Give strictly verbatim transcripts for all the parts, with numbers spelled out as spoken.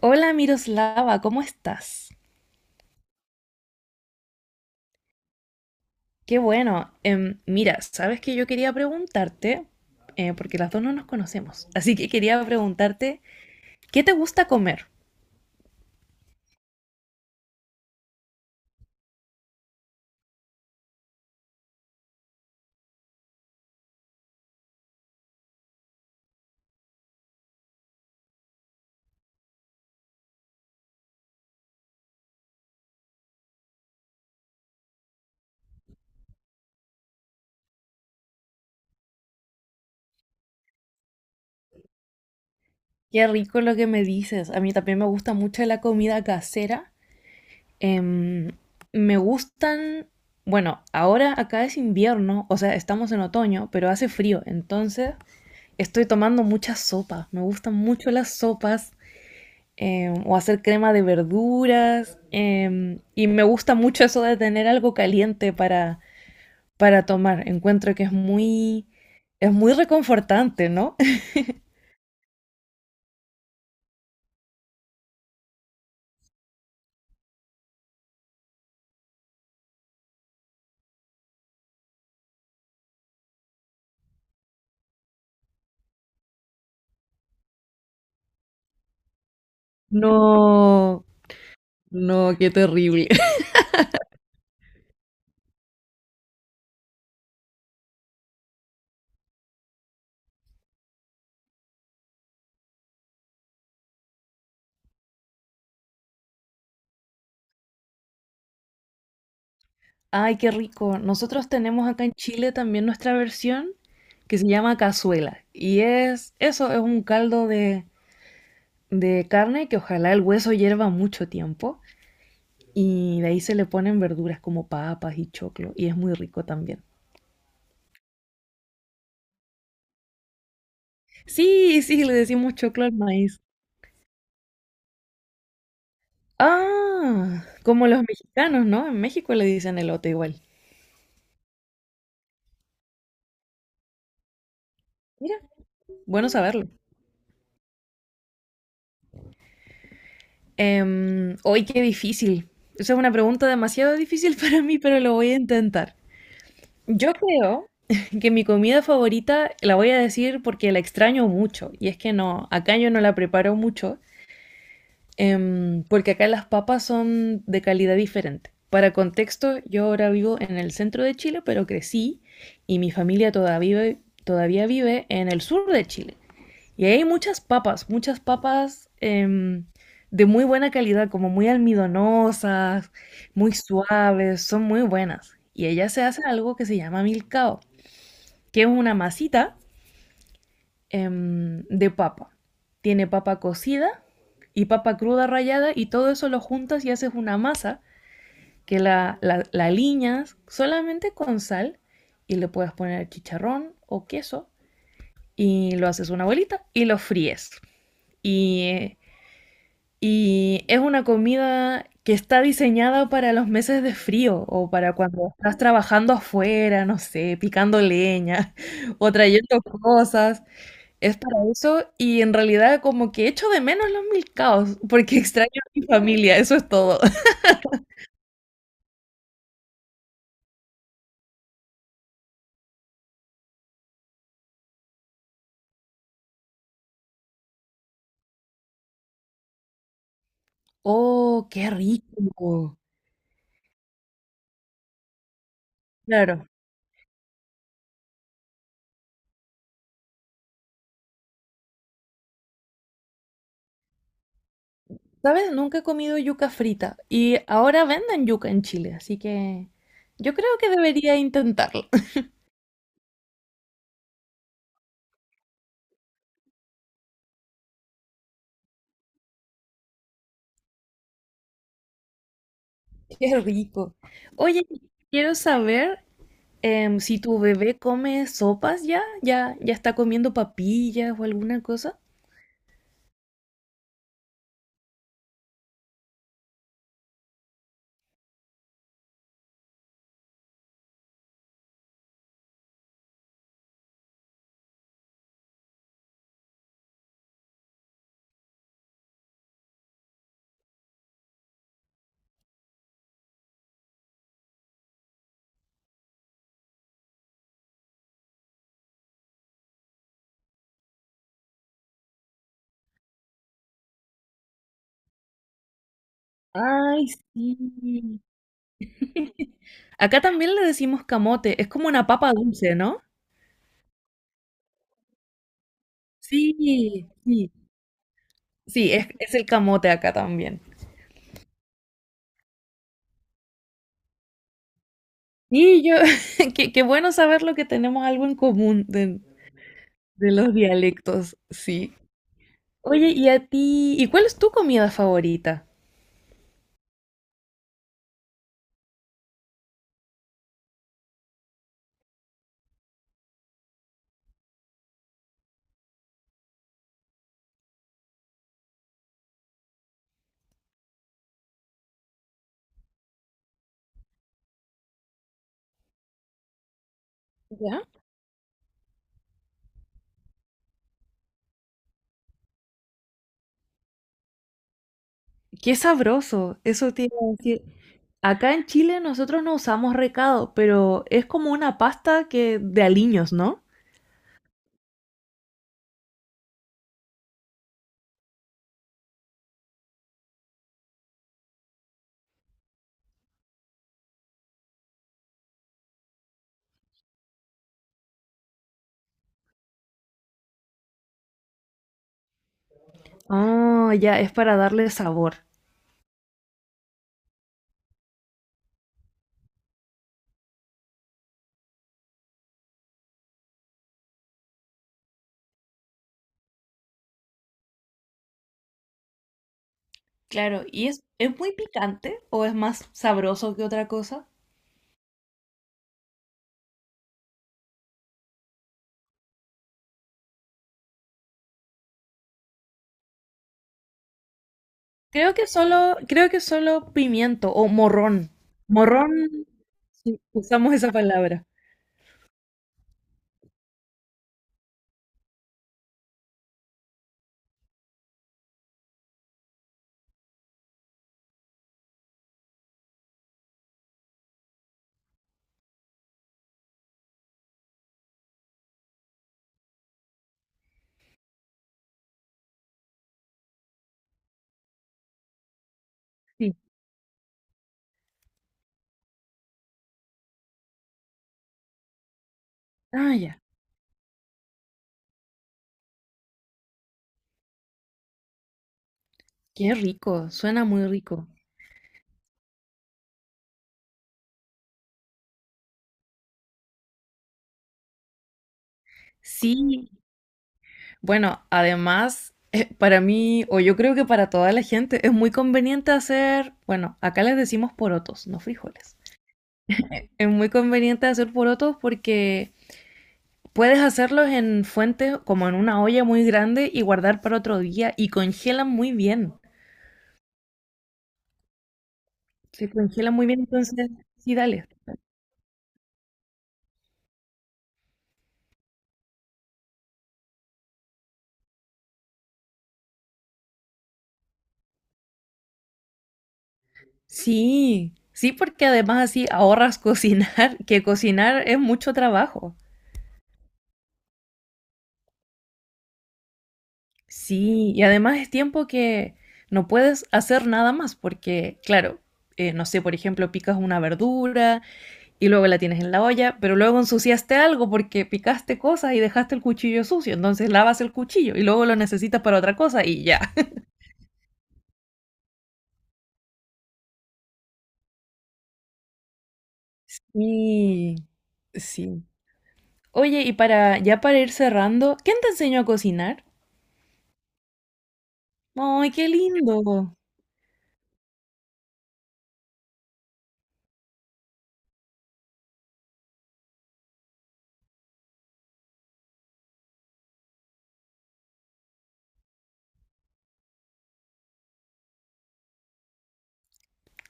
Hola, Miroslava, ¿cómo estás? Qué bueno. Em, mira, sabes que yo quería preguntarte, eh, porque las dos no nos conocemos, así que quería preguntarte, ¿qué te gusta comer? Qué rico lo que me dices. A mí también me gusta mucho la comida casera. Em, Me gustan, bueno, ahora acá es invierno, o sea, estamos en otoño, pero hace frío, entonces estoy tomando mucha sopa. Me gustan mucho las sopas. Eh, o hacer crema de verduras. Eh, y me gusta mucho eso de tener algo caliente para, para tomar. Encuentro que es muy, es muy reconfortante, ¿no? No, no, qué terrible. Ay, qué rico. Nosotros tenemos acá en Chile también nuestra versión que se llama cazuela. Y es eso, es un caldo de, de carne que ojalá el hueso hierva mucho tiempo. Y de ahí se le ponen verduras como papas y choclo. Y es muy rico también. Sí, sí, le decimos choclo al maíz. Ah, como los mexicanos, ¿no? En México le dicen elote igual. Mira, bueno saberlo. Em, hoy qué difícil. Esa es una pregunta demasiado difícil para mí, pero lo voy a intentar. Yo creo que mi comida favorita la voy a decir porque la extraño mucho. Y es que no, acá yo no la preparo mucho. Em, porque acá las papas son de calidad diferente. Para contexto, yo ahora vivo en el centro de Chile, pero crecí y mi familia todavía, vive- todavía vive en el sur de Chile. Y ahí hay muchas papas, muchas papas em, de muy buena calidad, como muy almidonosas, muy suaves, son muy buenas. Y allá se hace algo que se llama milcao, que es una masita em, de papa. Tiene papa cocida y papa cruda rallada y todo eso lo juntas y haces una masa que la, la, la aliñas solamente con sal y le puedes poner chicharrón o queso y lo haces una bolita y lo fríes. Y, y es una comida que está diseñada para los meses de frío o para cuando estás trabajando afuera, no sé, picando leña o trayendo cosas. Es para eso y en realidad como que echo de menos los milcaos porque extraño a mi familia, eso es todo. Oh, qué rico. Claro. ¿Sabes? Nunca he comido yuca frita y ahora venden yuca en Chile, así que yo creo que debería intentarlo. Qué rico. Oye, quiero saber em, si tu bebé come sopas ya, ya, ya está comiendo papillas o alguna cosa. Ay, sí. Acá también le decimos camote, es como una papa dulce, ¿no? Sí, sí, sí, es, es el camote acá también. Y yo, qué, qué bueno saberlo que tenemos algo en común de, de los dialectos, sí. Oye, ¿y a ti? ¿Y cuál es tu comida favorita? ¿Ya? Qué sabroso, eso te iba a decir. Acá en Chile nosotros no usamos recado, pero es como una pasta que de aliños, ¿no? Ah, ya, es para darle sabor. Claro, ¿y es, es muy picante o es más sabroso que otra cosa? Creo que solo, creo que solo pimiento o morrón. Morrón, sí, usamos esa palabra. Sí. Ah, ya. Qué rico, suena muy rico. Sí, bueno, además, eh, para mí, o yo creo que para toda la gente, es muy conveniente hacer, bueno, acá les decimos porotos, no frijoles. Es muy conveniente hacer porotos porque puedes hacerlos en fuentes como en una olla muy grande y guardar para otro día y congelan muy bien. Se congelan muy bien, entonces sí, dale. Sí, sí, porque además así ahorras cocinar, que cocinar es mucho trabajo. Sí, y además es tiempo que no puedes hacer nada más porque, claro, eh, no sé, por ejemplo, picas una verdura, y luego la tienes en la olla, pero luego ensuciaste algo porque picaste cosas y dejaste el cuchillo sucio, entonces lavas el cuchillo y luego lo necesitas para otra cosa y ya. Y sí. Oye, y para ya para ir cerrando, ¿quién te enseñó a cocinar? ¡Ay, qué lindo!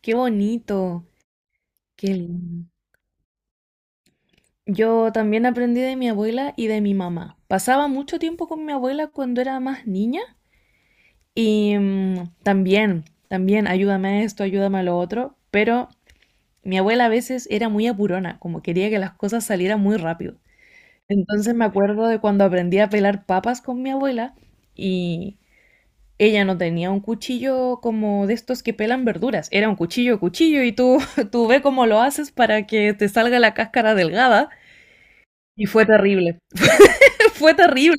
¡Qué bonito! ¡Qué lindo! Yo también aprendí de mi abuela y de mi mamá. Pasaba mucho tiempo con mi abuela cuando era más niña y mm, también, también, ayúdame a esto, ayúdame a lo otro, pero mi abuela a veces era muy apurona, como quería que las cosas salieran muy rápido. Entonces me acuerdo de cuando aprendí a pelar papas con mi abuela y ella no tenía un cuchillo como de estos que pelan verduras, era un cuchillo, cuchillo y tú, tú ve cómo lo haces para que te salga la cáscara delgada y fue terrible, fue terrible.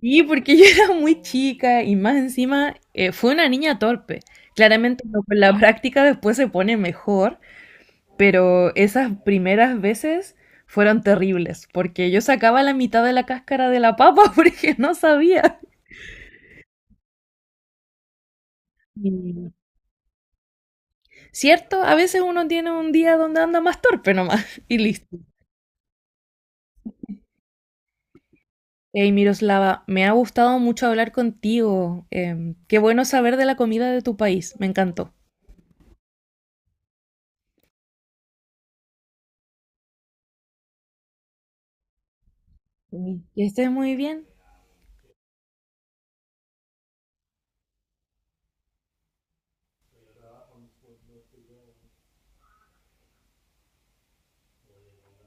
Y porque yo era muy chica y más encima eh, fue una niña torpe. Claramente no, con la práctica después se pone mejor, pero esas primeras veces fueron terribles, porque yo sacaba la mitad de la cáscara de la papa porque no sabía. Cierto, a veces uno tiene un día donde anda más torpe nomás y listo. Hey, Miroslava, me ha gustado mucho hablar contigo. Eh, qué bueno saber de la comida de tu país, me encantó. Que estés muy bien.